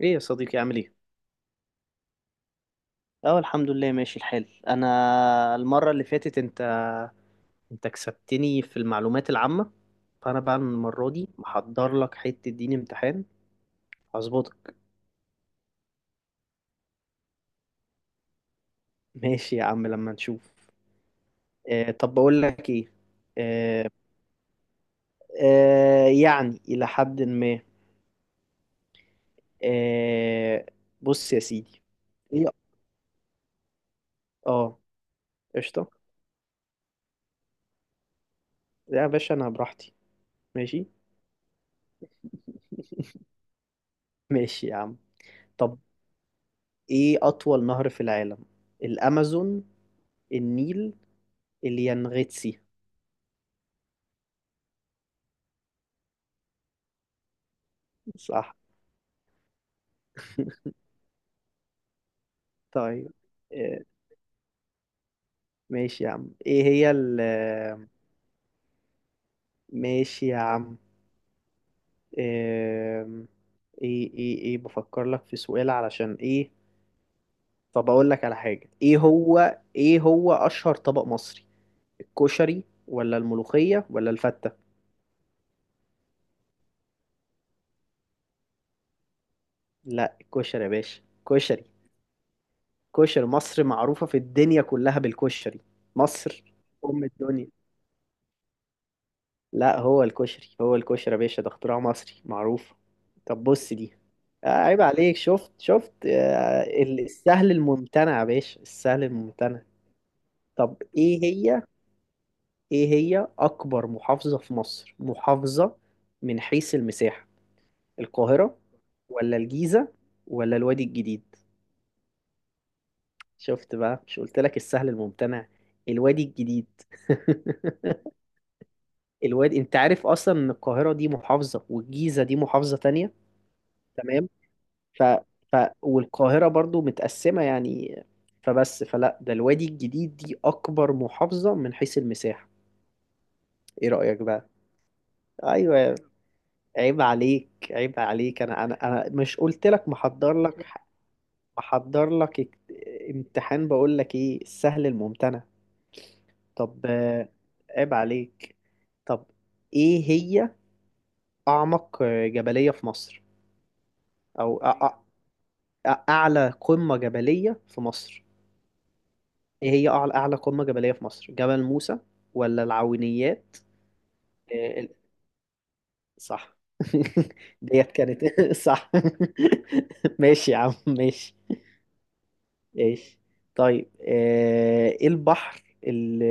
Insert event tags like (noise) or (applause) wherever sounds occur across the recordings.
ايه يا صديقي عامل ايه؟ اه، الحمد لله ماشي الحال. انا المرة اللي فاتت انت كسبتني في المعلومات العامة، فانا بقى المرة دي محضر لك حتة دين امتحان. هظبطك. ماشي يا عم لما نشوف. طب بقول لك ايه. آه يعني الى حد ما. آه بص يا سيدي. ايه. اه. قشطة. لا يا باشا انا براحتي. ماشي. ماشي يا عم. طب، ايه اطول نهر في العالم؟ الامازون، النيل، اليانغيتسي؟ صح. طيب. آه، ماشي يا عم. ايه هي ال ماشي يا عم. آم، ايه بفكر لك في سؤال علشان ايه. طب اقول لك على حاجة. ايه هو اشهر طبق مصري؟ الكشري ولا الملوخية ولا الفتة؟ لا الكشري يا باشا. كشري. كشري، مصر معروفة في الدنيا كلها بالكشري. مصر أم الدنيا. لا، هو الكشري. هو الكشري يا باشا، ده اختراع مصري معروف. طب بص دي. عيب عليك. شفت السهل الممتنع يا باشا، السهل الممتنع. طب ايه هي. ايه هي اكبر محافظة في مصر؟ محافظة من حيث المساحة. القاهرة ولا الجيزة ولا الوادي الجديد؟ شفت بقى؟ مش قلت لك السهل الممتنع؟ الوادي الجديد. (laughs) الوادي. انت عارف اصلا ان القاهرة دي محافظة والجيزة دي محافظة تانية؟ تمام. ف... ف... والقاهرة برضو متقسمة يعني. فبس فلا ده الوادي الجديد دي أكبر محافظة من حيث المساحة. إيه رأيك بقى؟ أيوة. عيب عليك، عيب عليك. أنا مش قلت لك محضر لك؟ محضر لك امتحان. بقول لك إيه، السهل الممتنع. طب عيب عليك. طب، إيه هي أعمق جبلية في مصر؟ أو أعلى قمة جبلية في مصر؟ ايه هي اعلى قمة جبلية في مصر؟ جبل موسى ولا العوينيات؟ إيه ال- صح. (laughs) ديت كانت (laughs) صح. (laughs) ماشي يا عم، ماشي. ماشي. طيب ايه البحر اللي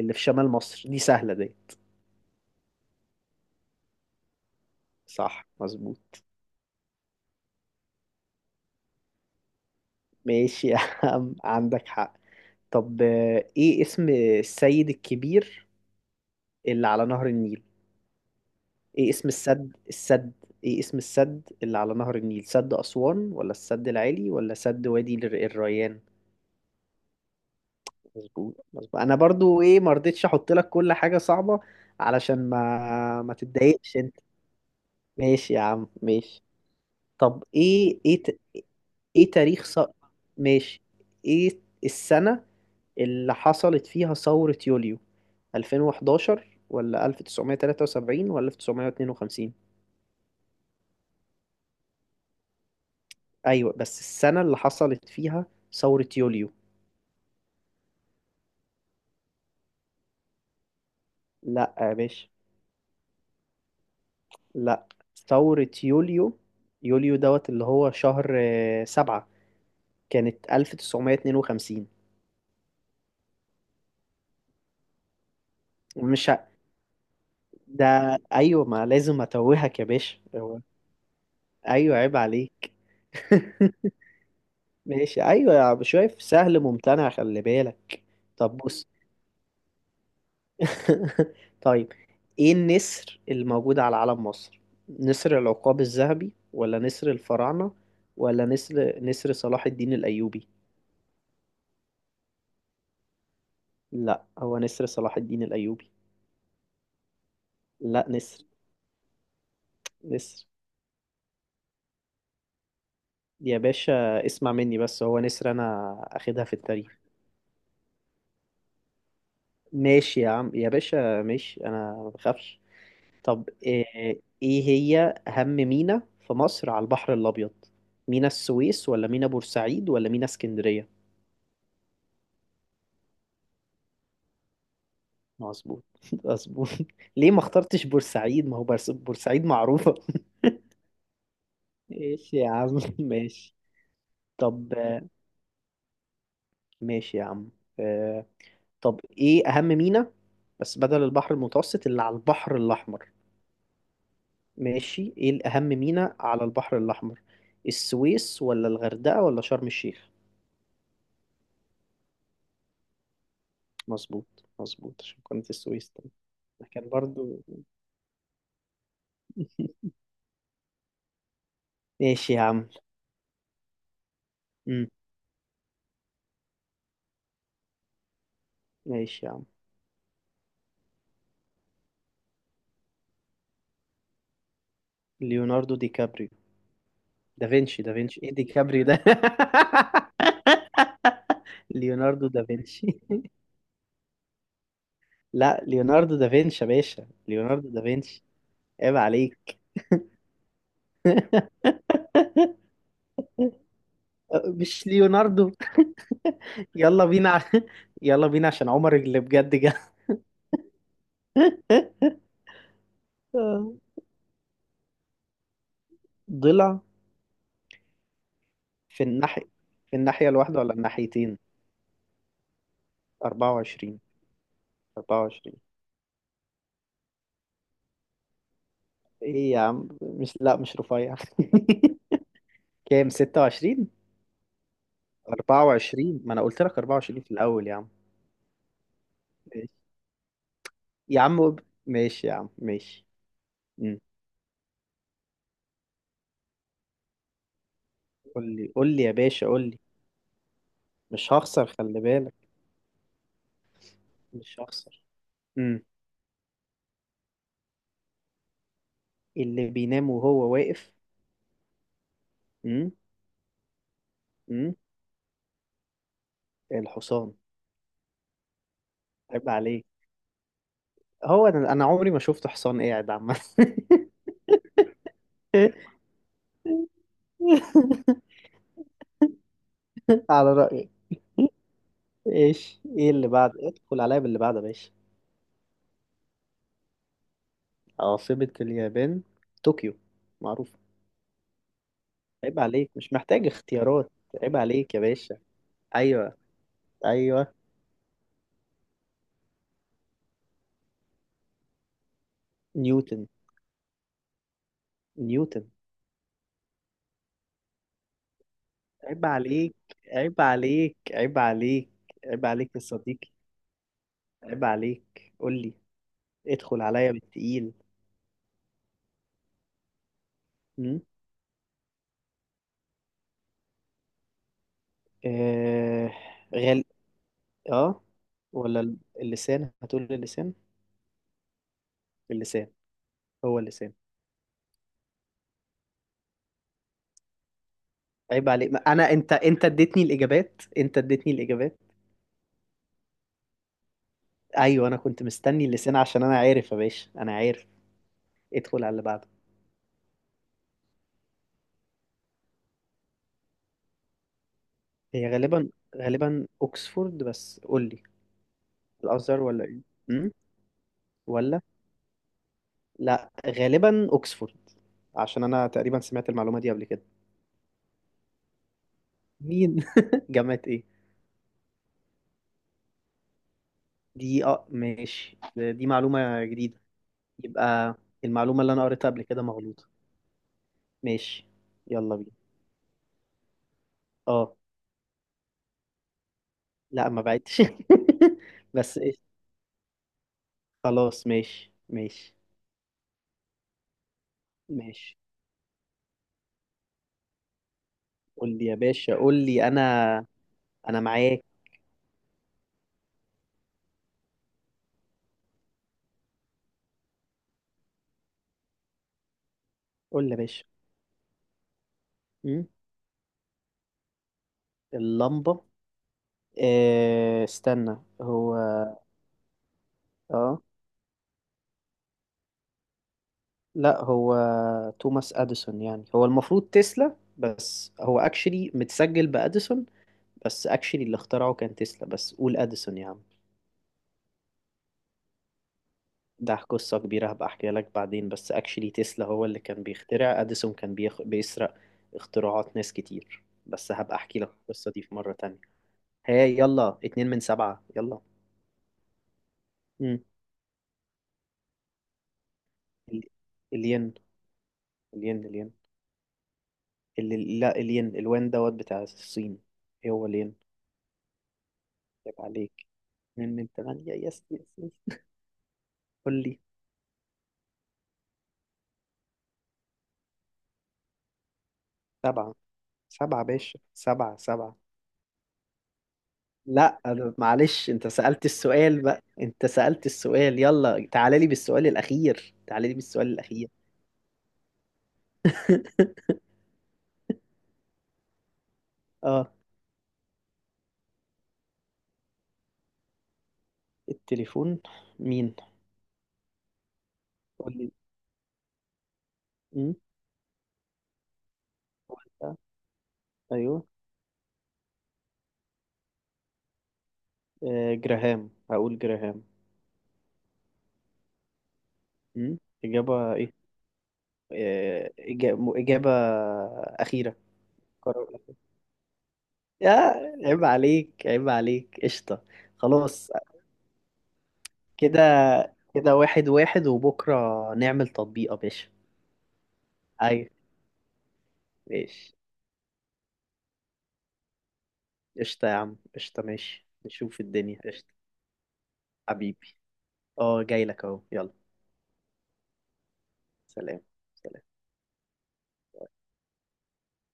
اللي في شمال مصر؟ دي سهلة دي. صح، مظبوط. ماشي يا عم، عندك حق. طب ايه اسم السيد الكبير اللي على نهر النيل؟ ايه اسم السد؟ ايه اسم السد اللي على نهر النيل؟ سد أسوان ولا السد العالي ولا سد وادي الريان؟ مظبوط، مظبوط. انا برضو ايه، ما رضيتش احط لك كل حاجة صعبة، علشان ما تتضايقش انت. ماشي يا عم، ماشي. طب ايه تاريخ ماشي. ايه السنة اللي حصلت فيها ثورة يوليو؟ 2011 ولا 1973 ولا 1952؟ ايوه، بس السنة اللي حصلت فيها ثورة يوليو. لا يا باشا. لا، ثورة يوليو، يوليو دوت اللي هو شهر سبعة، كانت 1952. مش ه... ده. أيوة، ما لازم أتوهك يا باشا. أيوة، عيب عليك. (laughs) ماشي، أيوة يا عم، شايف؟ سهل ممتنع، خلي بالك. طب بص. (laughs) طيب، إيه النسر الموجود على علم مصر؟ نسر العقاب الذهبي ولا نسر الفراعنة ولا نسر صلاح الدين الأيوبي؟ لا، هو نسر صلاح الدين الأيوبي. لا نسر، نسر يا باشا، اسمع مني بس، هو نسر. أنا أخدها في التاريخ. ماشي يا عم، يا باشا ماشي، أنا ما بخافش. طب إيه, إيه هي أهم مينا في مصر على البحر الأبيض؟ مينا السويس ولا مينا بورسعيد ولا مينا اسكندرية؟ مظبوط. (laughs) مظبوط. ليه ما اخترتش بورسعيد؟ ما هو بورسعيد معروفة. (laughs) ماشي يا عم، ماشي. طب ماشي يا عم. آه، طب، ايه اهم ميناء، بس بدل البحر المتوسط، اللي على البحر الاحمر؟ ماشي، ايه الاهم ميناء على البحر الاحمر؟ السويس ولا الغردقة ولا شرم الشيخ؟ مظبوط، مظبوط. عشان كنت السويس طبعا. ده كان برضو. (laughs) ماشي يا عم. مم. ماشي يا عم. ليوناردو دي كابريو. دافنشي، دافنشي. ايه دي كابريو ده؟ (laughs) ليوناردو دافنشي. (laughs) لا، ليوناردو دافنشي يا باشا، ليوناردو دافنشي. عيب عليك. (laughs) مش ليوناردو. (laughs) يلا بينا (laughs) يلا بينا عشان عمر اللي بجد جه. (laughs) آه، ضلع. في الناحية، الواحدة ولا الناحيتين؟ 24. 24. ايه يا عم، مش رفيع. (laughs) كام، 26؟ 24. ما انا قلت لك 24 في الاول يا عم. ماشي يا عم، ماشي يا عم، ماشي. امم. قول لي يا باشا، قول لي. مش هخسر، خلي بالك. مش هخسر. امم. اللي بينام وهو واقف. امم. امم. الحصان. عيب عليك. هو انا أنا عمري ما شفت حصان قاعد، عامة. (laughs) على رأيك. ايه اللي بعد، ادخل عليا باللي بعد يا باشا. عاصمة اليابان، طوكيو، معروف. عيب عليك، مش محتاج اختيارات. عيب عليك يا باشا. ايوه. ايوه. نيوتن. نيوتن. عيب عليك. عيب عليك عيب عليك يا صديقي. عيب عليك، قول لي. ادخل عليا بالتقيل. م؟ آه. غل. اه. ولا اللسان؟ هتقول اللسان. اللسان. هو اللسان. عيب عليك. ما انا انت اديتني الاجابات، انت اديتني الاجابات. ايوه انا كنت مستني اللسان، عشان انا عارف يا باشا، انا عارف. ادخل على اللي بعده. هي غالبا، غالبا اوكسفورد، بس قول لي، الازهر ولا ايه؟ امم. ولا. لا، غالبا اوكسفورد، عشان انا تقريبا سمعت المعلومه دي قبل كده. مين؟ (laughs) جامعه ايه؟ دي، اه ماشي، دي معلومه جديده. يبقى المعلومه اللي انا قريتها قبل كده مغلوطه. ماشي. يلا بينا. اه. لا ما بعدتش. (laughs) بس ايه، خلاص ماشي، ماشي. ماشي. قول لي يا باشا، قول لي. انا انا معاك. قول لي يا باشا. أمم، اللمبة. إيه، استنى. هو. اه. لا، هو توماس اديسون. يعني، هو المفروض تسلا، بس هو اكشلي متسجل باديسون. بس اكشلي اللي اخترعه كان تسلا، بس قول اديسون يا عم. ده قصة كبيرة، هبقى احكيها لك بعدين. بس اكشلي تسلا هو اللي كان بيخترع، اديسون كان بيسرق اختراعات ناس كتير. بس هبقى احكي لك القصة دي في مرة تانية. هاي، يلا 2 من 7 يلا. مم. ال- الين. الين. الين. لا، الين. الوان دوت بتاع الصين. ايه هو الين. عيب عليك. 2 من 8. يس، يس، يس. قول لي. سبعة. سبعة باشا، سبعة. لا أنا، معلش، انت سألت السؤال بقى، انت سألت السؤال. يلا تعالى لي بالسؤال الأخير، تعالى لي بالسؤال الأخير. (laughs) اه. التليفون. مين؟ قول لي. امم. قول لي. ايوه. آه، جراهام، هقول جراهام. امم. إجابة ايه؟ آه، إجابة, إجابة أخيرة. قرار أخير. يا، عيب عليك، عيب عليك. قشطة. خلاص كده، كده واحد واحد، وبكرة نعمل تطبيق يا باشا. ايوه. ماشي. قشطة يا عم، قشطة. ماشي، نشوف الدنيا. قشطة. حبيبي. اه جاي لك اهو، يلا. سلام.